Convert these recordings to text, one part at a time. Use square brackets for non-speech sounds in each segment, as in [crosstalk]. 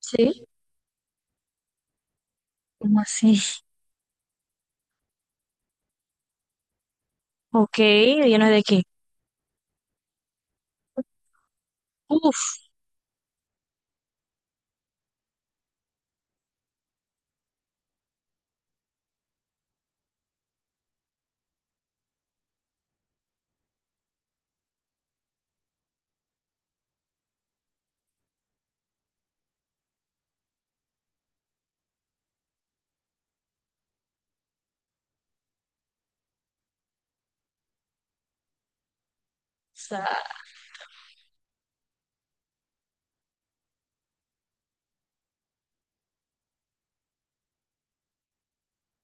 Sí, ¿cómo así? Ok, ¿lleno de qué? Uf, sea,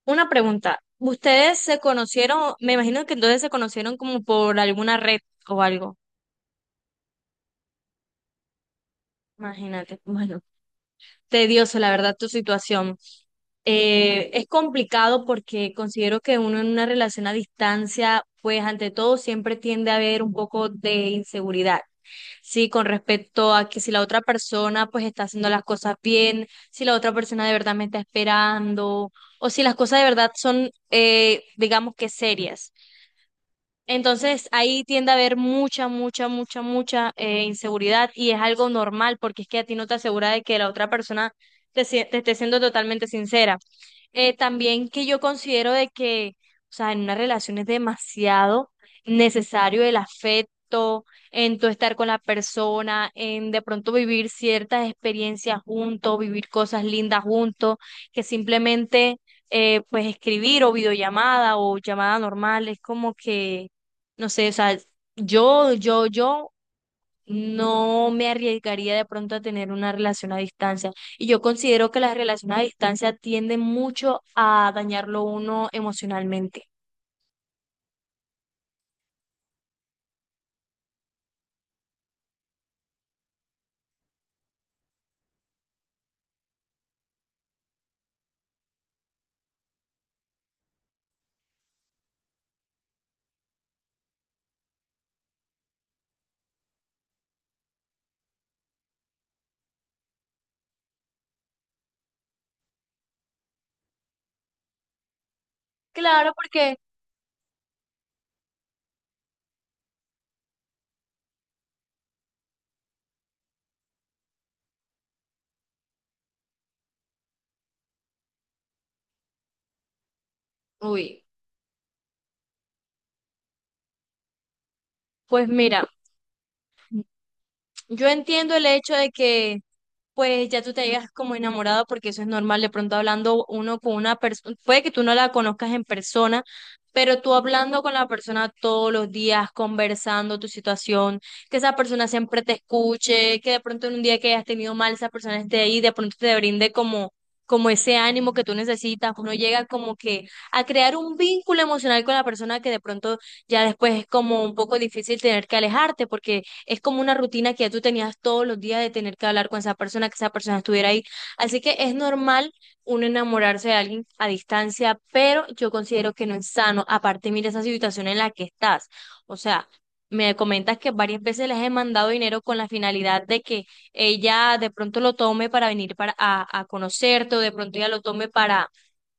una pregunta. ¿Ustedes se conocieron? Me imagino que entonces se conocieron como por alguna red o algo. Imagínate. Bueno, tedioso, la verdad, tu situación. Es complicado porque considero que uno en una relación a distancia, pues ante todo siempre tiende a haber un poco de inseguridad. Sí, con respecto a que si la otra persona pues está haciendo las cosas bien, si la otra persona de verdad me está esperando, o si las cosas de verdad son, digamos que serias. Entonces ahí tiende a haber mucha inseguridad y es algo normal porque es que a ti no te asegura de que la otra persona te esté siendo totalmente sincera. También que yo considero de que, o sea, en una relación es demasiado necesario el afecto, en tu estar con la persona, en de pronto vivir ciertas experiencias juntos, vivir cosas lindas juntos, que simplemente pues escribir o videollamada o llamada normal es como que no sé, o sea, yo no me arriesgaría de pronto a tener una relación a distancia. Y yo considero que las relaciones a distancia tienden mucho a dañarlo uno emocionalmente. Claro, porque, uy, pues mira. Yo entiendo el hecho de que pues ya tú te hayas como enamorado porque eso es normal, de pronto hablando uno con una persona, puede que tú no la conozcas en persona, pero tú hablando con la persona todos los días, conversando tu situación, que esa persona siempre te escuche, que de pronto en un día que hayas tenido mal, esa persona esté ahí, de pronto te brinde como ese ánimo que tú necesitas, uno llega como que a crear un vínculo emocional con la persona que de pronto ya después es como un poco difícil tener que alejarte porque es como una rutina que ya tú tenías todos los días de tener que hablar con esa persona, que esa persona estuviera ahí. Así que es normal uno enamorarse de alguien a distancia, pero yo considero que no es sano. Aparte, mira esa situación en la que estás. O sea, me comentas que varias veces les he mandado dinero con la finalidad de que ella de pronto lo tome para venir a conocerte o de pronto ella lo tome para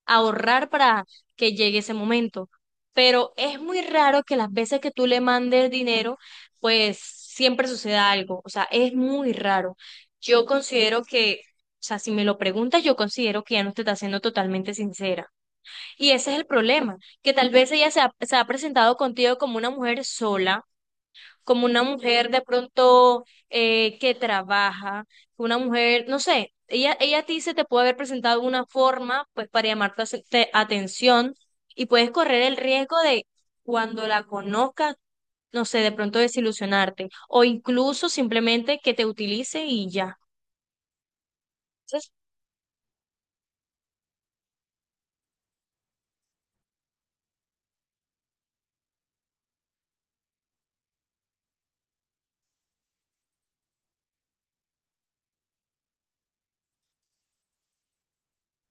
ahorrar para que llegue ese momento. Pero es muy raro que las veces que tú le mandes dinero, pues siempre suceda algo. O sea, es muy raro. Yo considero que, o sea, si me lo preguntas, yo considero que ya no te está siendo totalmente sincera. Y ese es el problema, que tal vez ella se ha presentado contigo como una mujer sola, como una mujer de pronto que trabaja, una mujer, no sé, ella a ti se te puede haber presentado una forma pues para llamar tu atención y puedes correr el riesgo de cuando la conozcas, no sé, de pronto desilusionarte o incluso simplemente que te utilice y ya. Entonces,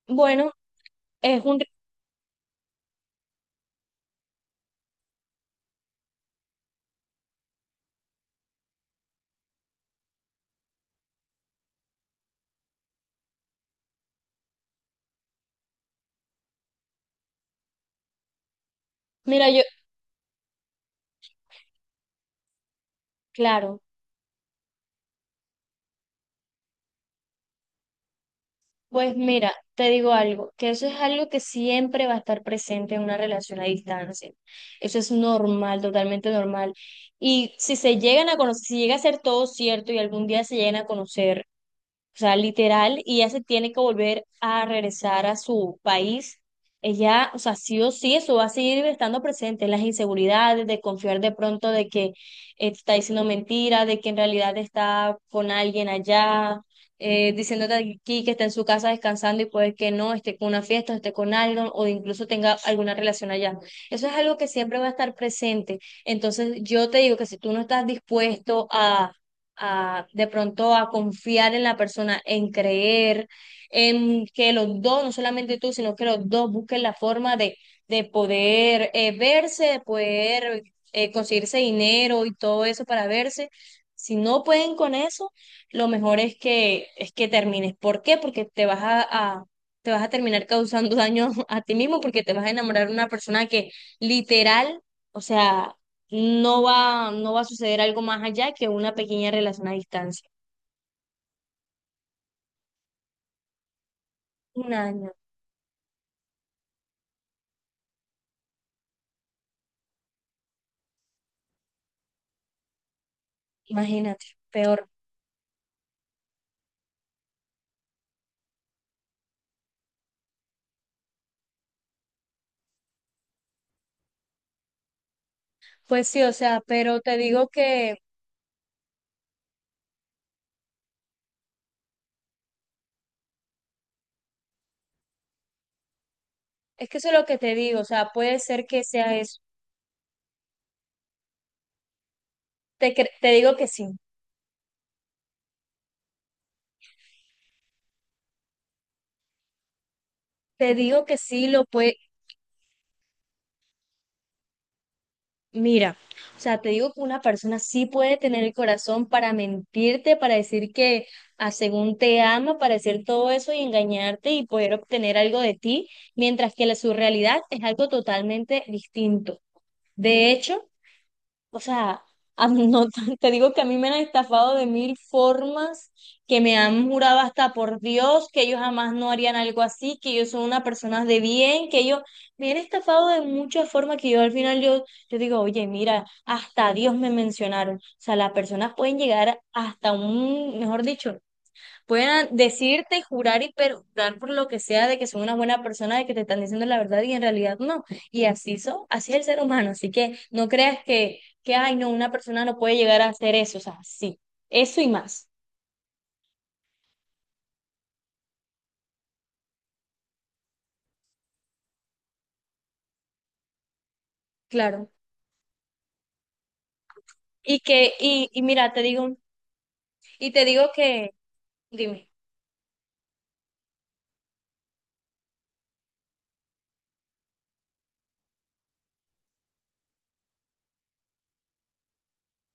bueno, es un... Mira, yo, claro. Pues mira, te digo algo, que eso es algo que siempre va a estar presente en una relación a distancia. Eso es normal, totalmente normal. Y si se llegan a conocer, si llega a ser todo cierto y algún día se llegan a conocer, o sea, literal, y ella se tiene que volver a regresar a su país. Ella, o sea, sí o sí, eso va a seguir estando presente, las inseguridades, de confiar de pronto de que te está diciendo mentira, de que en realidad está con alguien allá, diciéndote aquí que está en su casa descansando y puede que no, esté con una fiesta, esté con algo, o incluso tenga alguna relación allá. Eso es algo que siempre va a estar presente. Entonces, yo te digo que si tú no estás dispuesto a de pronto a confiar en la persona, en creer, en que los dos, no solamente tú, sino que los dos busquen la forma de poder verse, de poder conseguirse dinero y todo eso para verse. Si no pueden con eso, lo mejor es que termines. ¿Por qué? Porque a- te vas a terminar causando [laughs] daño a ti mismo porque te vas a enamorar de una persona que literal, o sea, no va a suceder algo más allá que una pequeña relación a distancia. Un año, imagínate, peor. Pues sí, o sea, pero te digo que, es que eso es lo que te digo, o sea, puede ser que sea eso. Te digo que sí, te digo que sí lo puede, mira, o sea, te digo que una persona sí puede tener el corazón para mentirte, para decir que a según te ama, para decir todo eso y engañarte y poder obtener algo de ti, mientras que su realidad es algo totalmente distinto. De hecho, o sea, a mí no, [laughs] te digo que a mí me han estafado de mil formas, que me han jurado hasta por Dios que ellos jamás no harían algo así, que ellos son una persona de bien, que ellos me han estafado de muchas formas que yo al final yo, yo digo, oye, mira, hasta a Dios me mencionaron. O sea, las personas pueden llegar hasta un, mejor dicho, puedan decirte, jurar y perjurar por lo que sea de que son una buena persona, de que te están diciendo la verdad y en realidad no. Y así son, así es el ser humano. Así que no creas que, ay, no, una persona no puede llegar a hacer eso. O sea, sí, eso y más, claro. Y mira, te digo, te digo que, dime,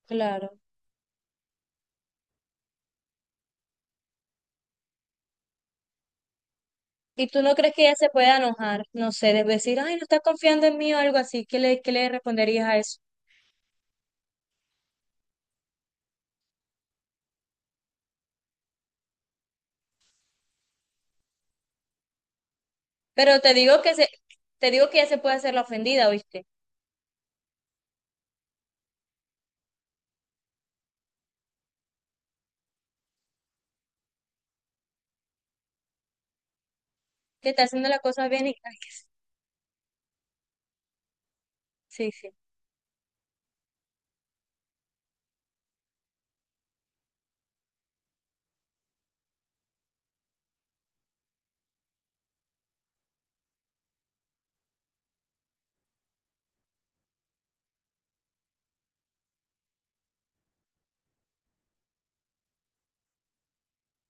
claro. ¿Y tú no crees que ella se pueda enojar? No sé, de decir, ay, no estás confiando en mí o algo así. ¿Qué le responderías a eso? Pero te digo que se, te digo que ella se puede hacer la ofendida, ¿oíste? Que está haciendo las cosas bien y sí, sí.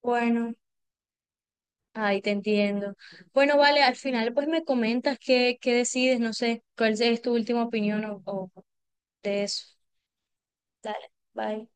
Bueno, ahí te entiendo. Bueno, vale, al final pues me comentas qué decides, no sé, cuál es tu última opinión o de eso. Dale, bye.